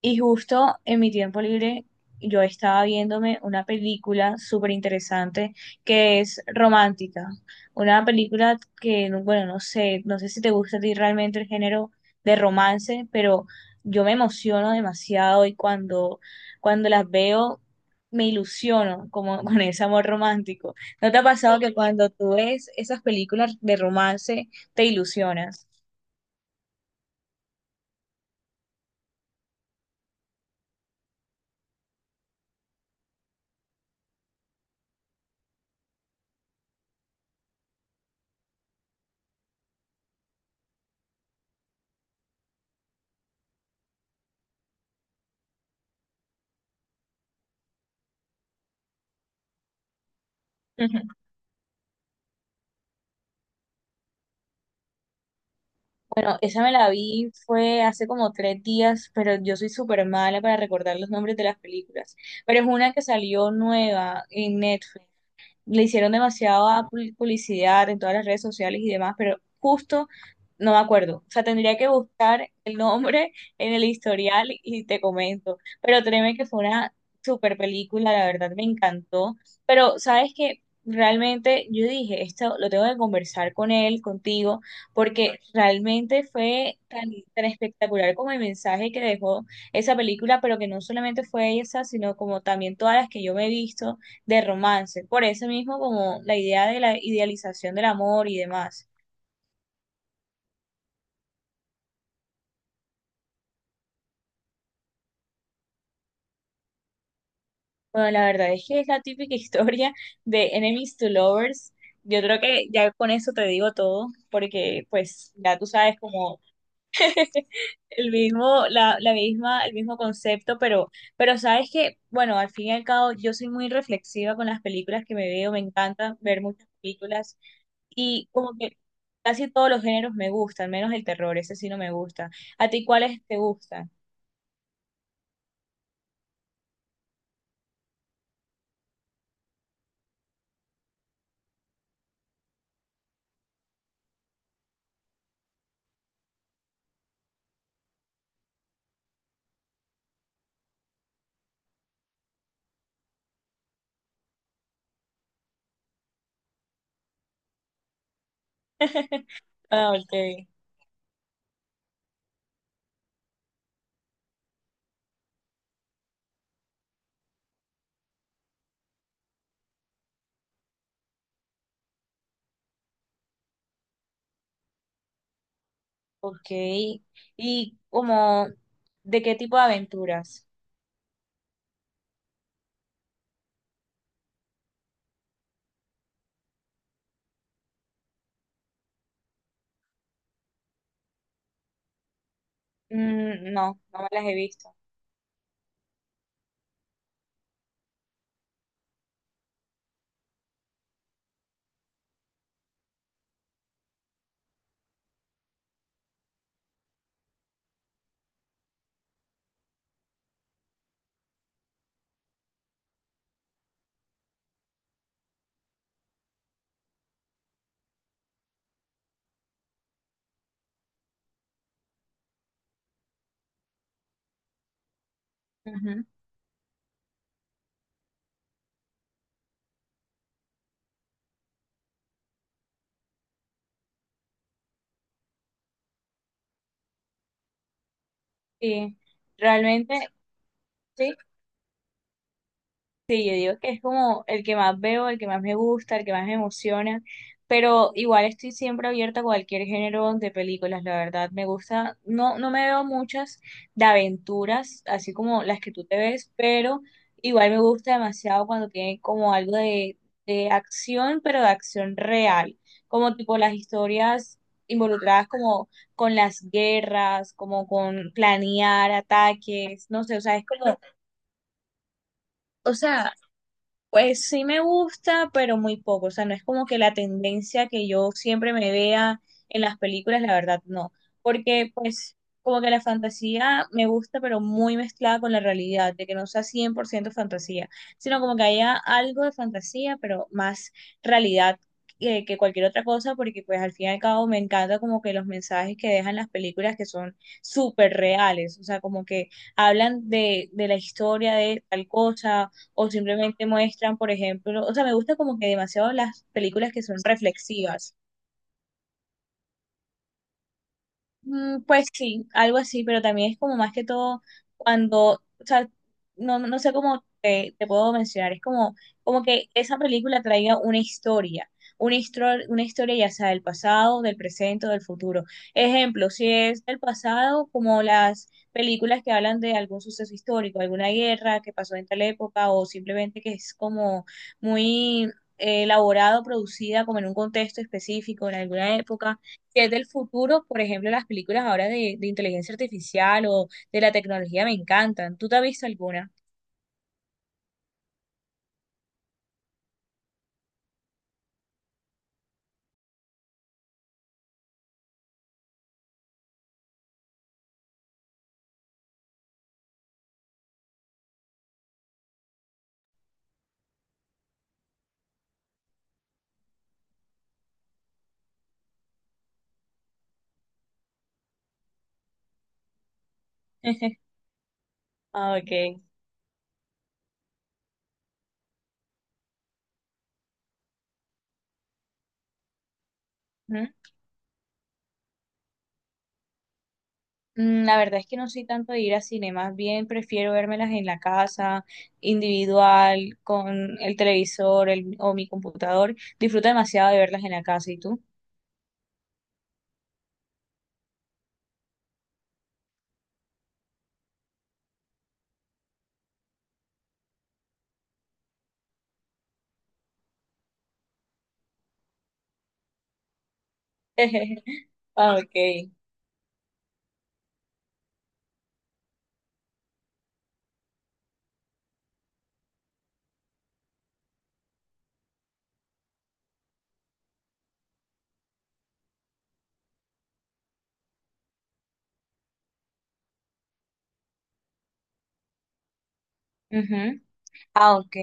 Y justo en mi tiempo libre yo estaba viéndome una película súper interesante que es romántica. Una película que, bueno, no sé si te gusta a ti realmente el género de romance, pero yo me emociono demasiado y cuando las veo me ilusiono como con ese amor romántico. ¿No te ha pasado que cuando tú ves esas películas de romance te ilusionas? Bueno, esa me la vi fue hace como 3 días, pero yo soy súper mala para recordar los nombres de las películas. Pero es una que salió nueva en Netflix, le hicieron demasiada publicidad en todas las redes sociales y demás, pero justo no me acuerdo. O sea, tendría que buscar el nombre en el historial y te comento. Pero créeme que fue una super película, la verdad me encantó. Pero, sabes que realmente yo dije, esto lo tengo que conversar con él, contigo, porque realmente fue tan, tan espectacular como el mensaje que dejó esa película, pero que no solamente fue esa, sino como también todas las que yo me he visto de romance, por eso mismo como la idea de la idealización del amor y demás. Bueno, la verdad es que es la típica historia de Enemies to Lovers. Yo creo que ya con eso te digo todo, porque pues ya tú sabes como el mismo, la misma, el mismo concepto, pero sabes que, bueno, al fin y al cabo yo soy muy reflexiva con las películas que me veo, me encanta ver muchas películas. Y como que casi todos los géneros me gustan, menos el terror, ese sí no me gusta. ¿A ti cuáles te gustan? Ah, ok. Ok. Y como, ¿de qué tipo de aventuras? Mm, no, no me las he visto. Ujú. Sí, realmente, sí. Sí, yo digo que es como el que más veo, el que más me gusta, el que más me emociona, pero igual estoy siempre abierta a cualquier género de películas, la verdad, me gusta, no, no me veo muchas de aventuras, así como las que tú te ves, pero igual me gusta demasiado cuando tiene como algo de acción, pero de acción real, como tipo las historias involucradas como con las guerras, como con planear ataques, no sé, o sea, es como... O sea, pues sí me gusta, pero muy poco. O sea, no es como que la tendencia que yo siempre me vea en las películas, la verdad, no. Porque pues como que la fantasía me gusta, pero muy mezclada con la realidad, de que no sea 100% fantasía, sino como que haya algo de fantasía, pero más realidad que cualquier otra cosa, porque pues al fin y al cabo me encanta como que los mensajes que dejan las películas que son súper reales. O sea, como que hablan de la historia de tal cosa o simplemente muestran, por ejemplo, o sea, me gusta como que demasiado las películas que son reflexivas. Mm, pues sí, algo así, pero también es como más que todo cuando, o sea, no sé cómo te puedo mencionar, es como que esa película traiga una historia, una historia ya sea del pasado, del presente o del futuro. Ejemplo, si es del pasado, como las películas que hablan de algún suceso histórico, alguna guerra que pasó en tal época o simplemente que es como muy elaborado, producida como en un contexto específico, en alguna época. Que es del futuro, por ejemplo, las películas ahora de inteligencia artificial o de la tecnología me encantan. ¿Tú te has visto alguna? Ah, ok. Ujú. Mm, la verdad es que no soy tanto de ir a cine, más bien prefiero vérmelas en la casa, individual, con el televisor o mi computador. Disfruto demasiado de verlas en la casa. ¿Y tú? Ah, ok. Ujú. Ah, ok.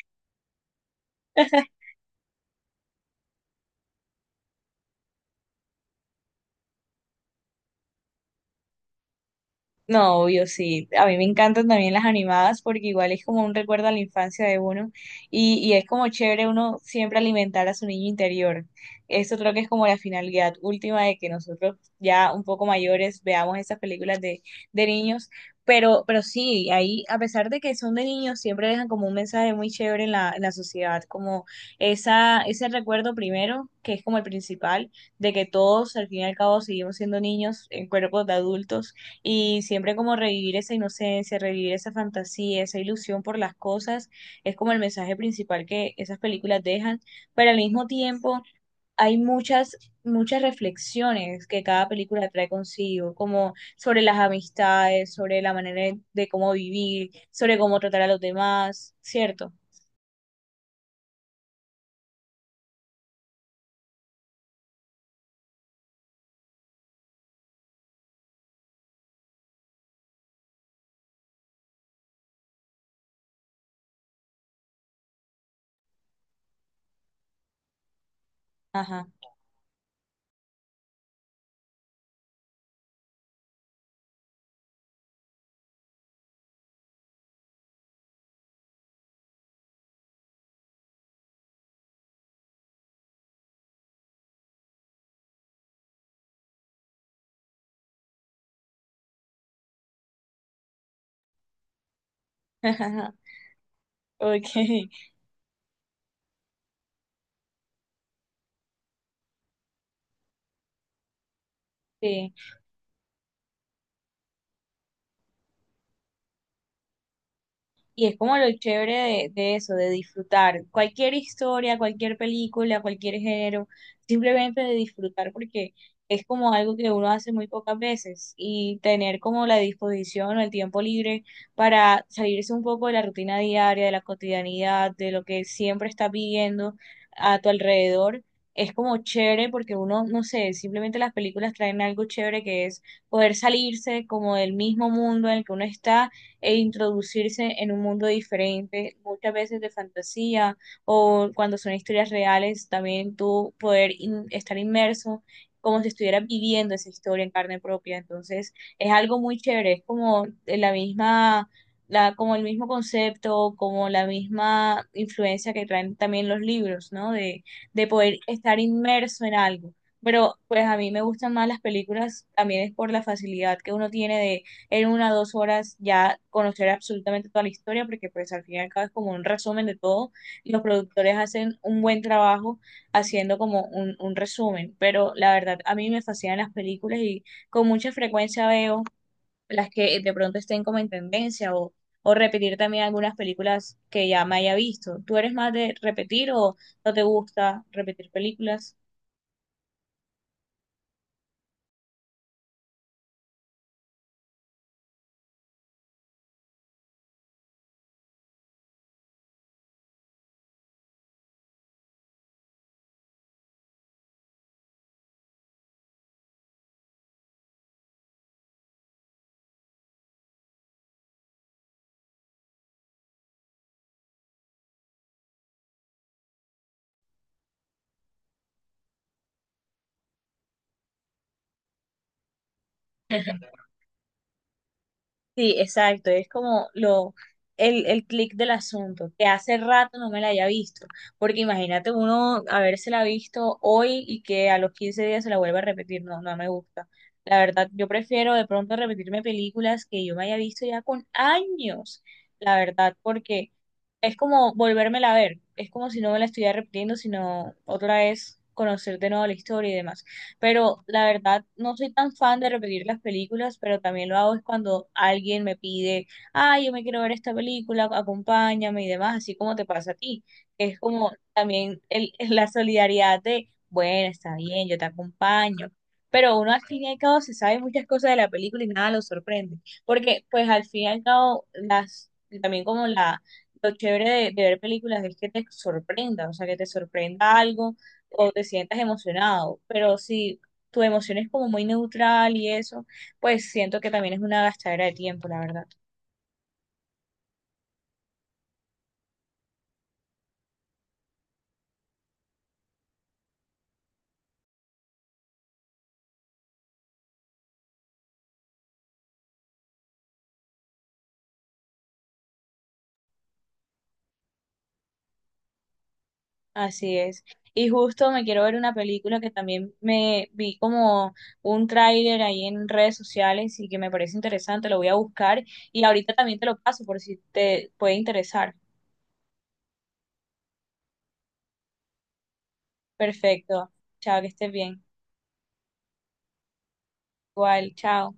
No, obvio, sí. A mí me encantan también las animadas porque igual es como un recuerdo a la infancia de uno y es como chévere uno siempre alimentar a su niño interior. Esto creo que es como la finalidad última de que nosotros ya un poco mayores veamos esas películas de niños, pero, sí, ahí a pesar de que son de niños, siempre dejan como un mensaje muy chévere en la sociedad, como ese recuerdo primero, que es como el principal, de que todos al fin y al cabo seguimos siendo niños en cuerpos de adultos y siempre como revivir esa inocencia, revivir esa fantasía, esa ilusión por las cosas, es como el mensaje principal que esas películas dejan, pero al mismo tiempo hay muchas, muchas reflexiones que cada película trae consigo, como sobre las amistades, sobre la manera de cómo vivir, sobre cómo tratar a los demás, ¿cierto? Ajá. Ok, sí. Y es como lo chévere de eso, de disfrutar cualquier historia, cualquier película, cualquier género, simplemente de disfrutar porque es como algo que uno hace muy pocas veces y tener como la disposición o el tiempo libre para salirse un poco de la rutina diaria, de la cotidianidad, de lo que siempre estás viviendo a tu alrededor. Es como chévere porque uno, no sé, simplemente las películas traen algo chévere que es poder salirse como del mismo mundo en el que uno está e introducirse en un mundo diferente, muchas veces de fantasía o cuando son historias reales, también tú poder estar inmerso como si estuvieras viviendo esa historia en carne propia. Entonces, es algo muy chévere, es como de la misma, la, como el mismo concepto, como la misma influencia que traen también los libros, ¿no? De poder estar inmerso en algo. Pero pues a mí me gustan más las películas, también es por la facilidad que uno tiene de en 1 o 2 horas ya conocer absolutamente toda la historia, porque pues al fin y al cabo es como un resumen de todo. Los productores hacen un buen trabajo haciendo como un resumen, pero la verdad a mí me fascinan las películas y con mucha frecuencia veo las que de pronto estén como en tendencia o repetir también algunas películas que ya me haya visto. ¿Tú eres más de repetir o no te gusta repetir películas? Sí, exacto, es como lo, el clic del asunto, que hace rato no me la haya visto, porque imagínate uno habérsela visto hoy y que a los 15 días se la vuelva a repetir, no, no me gusta. La verdad, yo prefiero de pronto repetirme películas que yo me haya visto ya con años, la verdad, porque es como volvérmela a ver, es como si no me la estuviera repitiendo, sino otra vez conocer de nuevo la historia y demás. Pero la verdad, no soy tan fan de repetir las películas, pero también lo hago es cuando alguien me pide, ah, yo me quiero ver esta película, acompáñame y demás, así como te pasa a ti. Es como también el, la solidaridad de, bueno, está bien, yo te acompaño. Pero uno al fin y al cabo se sabe muchas cosas de la película y nada lo sorprende. Porque pues al fin y al cabo, también como lo chévere de ver películas es que te sorprenda, o sea, que te sorprenda algo o te sientas emocionado, pero si tu emoción es como muy neutral y eso, pues siento que también es una gastadera de tiempo, la verdad. Así es. Y justo me quiero ver una película que también me vi como un tráiler ahí en redes sociales y que me parece interesante, lo voy a buscar y ahorita también te lo paso por si te puede interesar. Perfecto. Chao, que estés bien. Igual, chao.